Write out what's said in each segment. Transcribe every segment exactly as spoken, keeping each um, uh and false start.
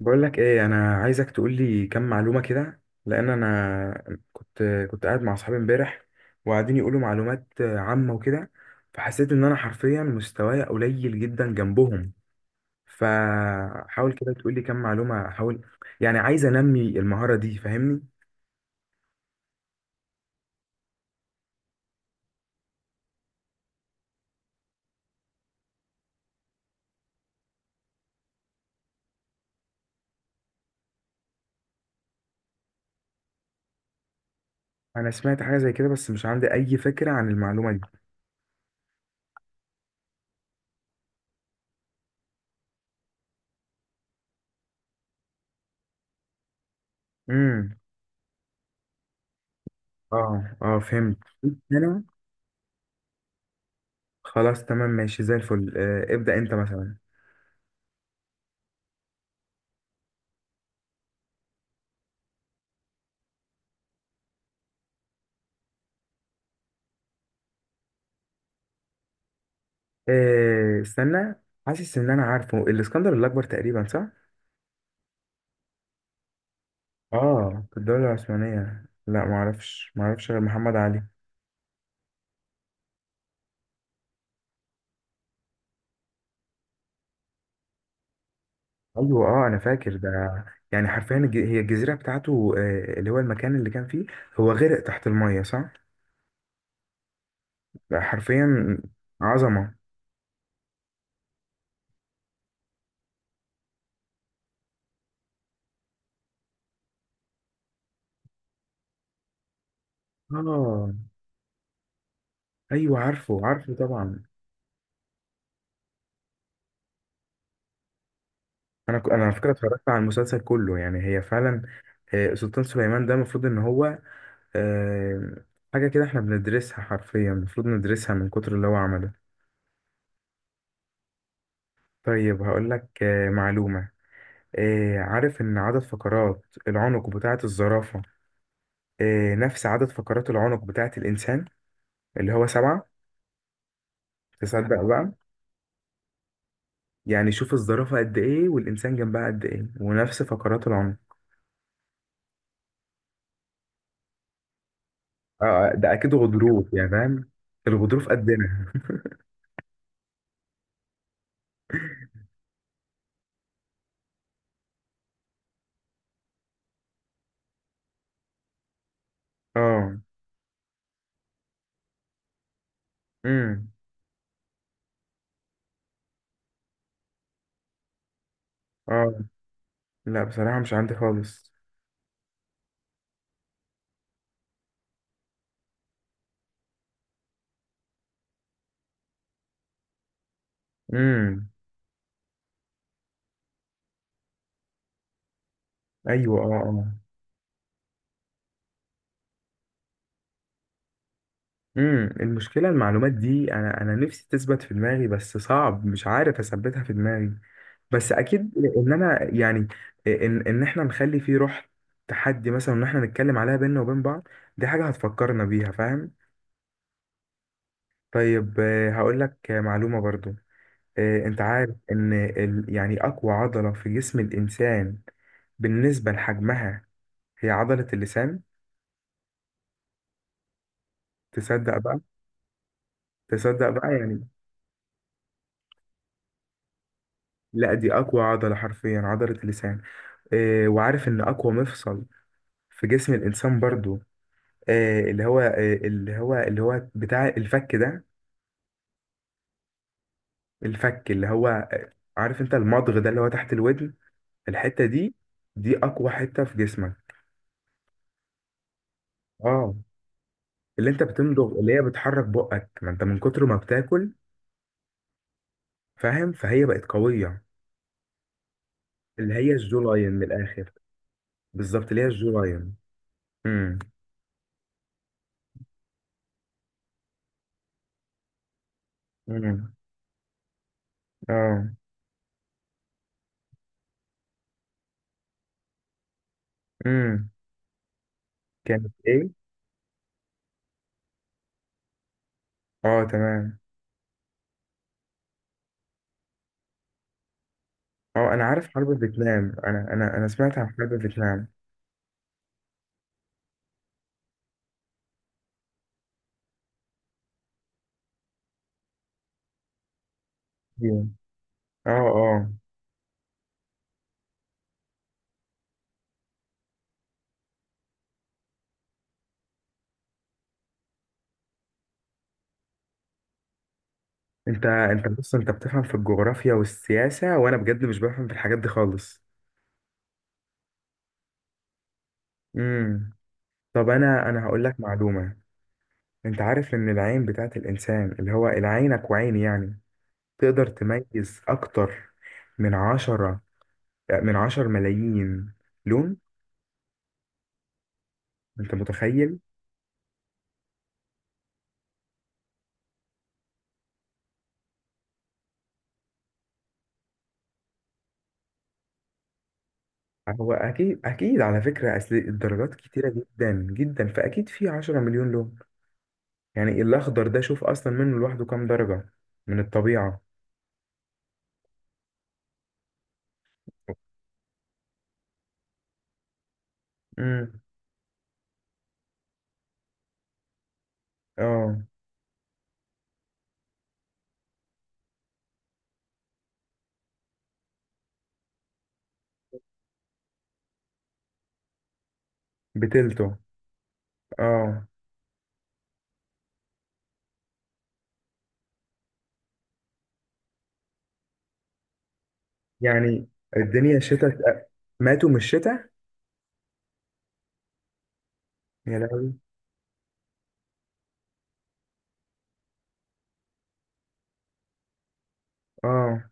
بقول لك ايه، انا عايزك تقول لي كام معلومه كده. لان انا كنت كنت قاعد مع اصحابي امبارح وقاعدين يقولوا معلومات عامه وكده، فحسيت ان انا حرفيا مستواي قليل جدا جنبهم. فحاول كده تقول لي كام معلومه، احاول يعني، عايز انمي المهاره دي، فاهمني. انا سمعت حاجه زي كده بس مش عندي اي فكره عن المعلومه دي. امم. اه اه، فهمت. انا خلاص تمام، ماشي زي الفل. آه، ابدأ انت مثلا. إيه، استنى، حاسس ان انا عارفه، الاسكندر الاكبر تقريبا، صح؟ اه في الدوله العثمانيه، لا ما اعرفش ما اعرفش غير محمد علي. ايوه اه، انا فاكر ده. يعني حرفيا الج- هي الجزيره بتاعته، آه، اللي هو المكان اللي كان فيه، هو غرق تحت الميه صح؟ لا، حرفيا عظمه. اه، ايوه عارفه عارفه طبعا. انا ك- انا على فكره اتفرجت على المسلسل كله، يعني هي فعلا. آه، سلطان سليمان ده المفروض ان هو، آه، حاجة كده احنا بندرسها حرفيا، المفروض ندرسها من كتر اللي هو عمله. طيب هقولك آه، معلومة. آه، عارف إن عدد فقرات العنق بتاعة الزرافة، آه، نفس عدد فقرات العنق بتاعة الإنسان، اللي هو سبعة. تصدق بقى؟ يعني شوف الزرافة قد إيه والإنسان جنبها قد إيه، ونفس فقرات العنق. آه آه، ده أكيد غضروف يعني، فاهم. الغضروف قدنا. اه. امم. اه. لا بصراحة مش عندي خالص. امم. ايوه اه آه. امم المشكله المعلومات دي انا انا نفسي تثبت في دماغي بس صعب، مش عارف اثبتها في دماغي. بس اكيد ان انا يعني، ان ان احنا نخلي فيه روح تحدي مثلا، ان احنا نتكلم عليها بينا وبين بعض، دي حاجه هتفكرنا بيها، فاهم. طيب آه، هقول لك آه، معلومه برضو. آه، انت عارف ان ال، يعني اقوى عضله في جسم الانسان بالنسبه لحجمها هي عضله اللسان؟ تصدق بقى؟ تصدق بقى، يعني، لا دي اقوى عضله حرفيا، عضله اللسان. آه، وعارف ان اقوى مفصل في جسم الانسان برضو، آه اللي هو آه اللي هو اللي هو بتاع الفك ده؟ الفك اللي هو آه عارف انت المضغ ده، اللي هو تحت الودن، الحته دي، دي اقوى حته في جسمك. اه، اللي انت بتمضغ، اللي هي بتحرك بقك، ما انت من كتر ما بتاكل فاهم، فهي بقت قويه. اللي هي الجو لاين من الاخر. بالظبط، اللي هي الجو لاين. امم. امم. اه. امم. كانت ايه؟ اه تمام. اه انا عارف حرب فيتنام، انا انا انا سمعت عن حرب فيتنام. دي. اه اه، انت انت بص، انت بتفهم في الجغرافيا والسياسة، وانا بجد مش بفهم في الحاجات دي خالص. امم. طب انا انا هقول لك معلومة. انت عارف ان العين بتاعت الانسان، اللي هو عينك وعيني يعني، تقدر تميز اكتر من عشرة، من عشر ملايين لون؟ انت متخيل؟ هو اكيد اكيد على فكرة، اصل الدرجات كتيرة جدا جدا، فاكيد في عشرة مليون لون. يعني الأخضر ده شوف أصلا منه لوحده كام درجة من الطبيعة. امم. اه، بتلته اه. يعني الدنيا شتاء، ماتوا من الشتاء، يا لهوي. اه.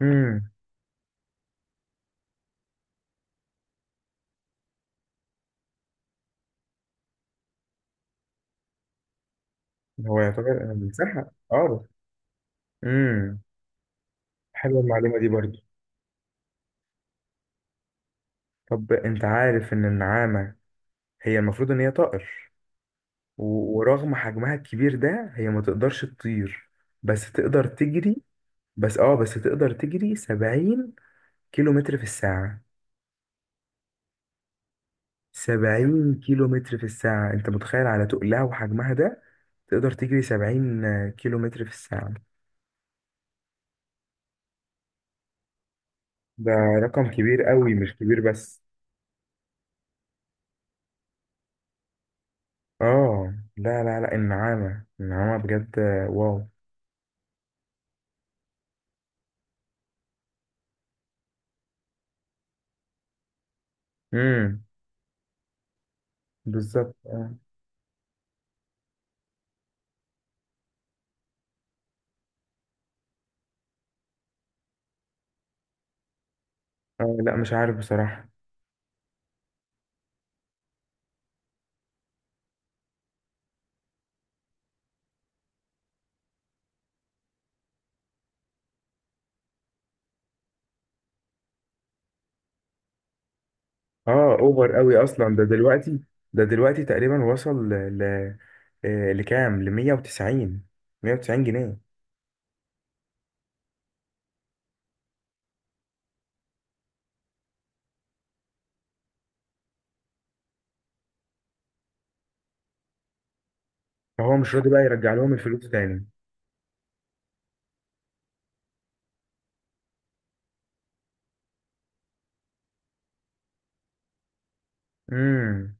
امم. هو يعتبر بيتسحب اه. امم. حلوة المعلومة دي برضو. طب انت عارف ان النعامة هي المفروض ان هي طائر، و- ورغم حجمها الكبير ده هي ما تقدرش تطير، بس تقدر تجري. بس اه بس تقدر تجري سبعين كيلو متر في الساعة. سبعين كيلو متر في الساعة، انت متخيل على تقلها وحجمها ده؟ تقدر تجري سبعين كيلو متر في الساعة، ده رقم كبير قوي، مش كبير بس. اه لا لا لا، النعامة النعامة بجد، آه، واو. امم. بالظبط اه. آه، لا مش عارف بصراحة. اه اوفر قوي اصلا ده دلوقتي. ده دلوقتي تقريبا وصل ل ل- آه، لكام، ل مية وتسعين، مية وتسعين جنيه. فهو مش راضي بقى يرجع لهم الفلوس تاني. امم.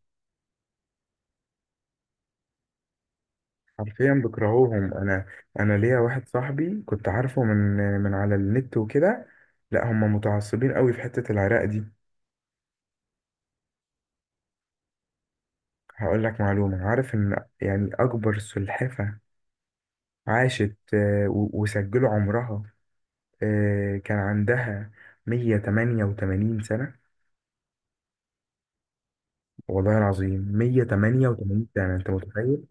حرفيا بكرهوهم. انا انا ليا واحد صاحبي كنت عارفه من من على النت وكده. لا هم متعصبين قوي في حتة العراق دي. هقول لك معلومة. عارف ان يعني اكبر سلحفة عاشت، آه، و- وسجلوا عمرها، آه، كان عندها مية وتمانية وتمانين سنة؟ والله العظيم مية وتمانية وتمانين سنة، انت متخيل؟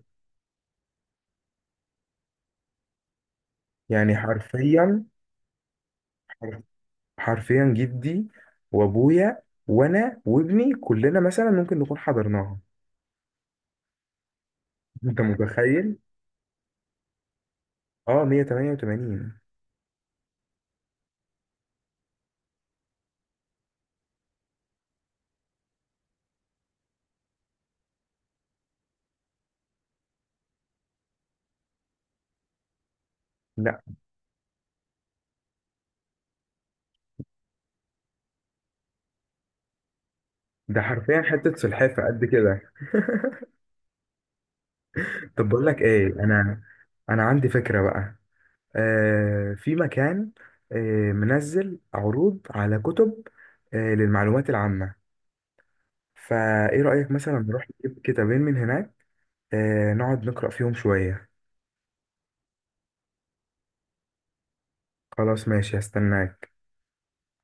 يعني حرفيا، حرفيا جدي وابويا وانا وابني كلنا مثلا ممكن نكون حضرناها، انت متخيل؟ اه مية وتمانية وتمانين. لا ده حرفيا حتة سلحفة قد كده. طب بقول لك ايه، انا انا عندي فكرة بقى. آه في مكان، آه منزل عروض على كتب، آه للمعلومات العامة. فايه رأيك مثلا نروح نجيب كتابين من هناك، آه نقعد نقرأ فيهم شوية. خلاص ماشي، هستناك.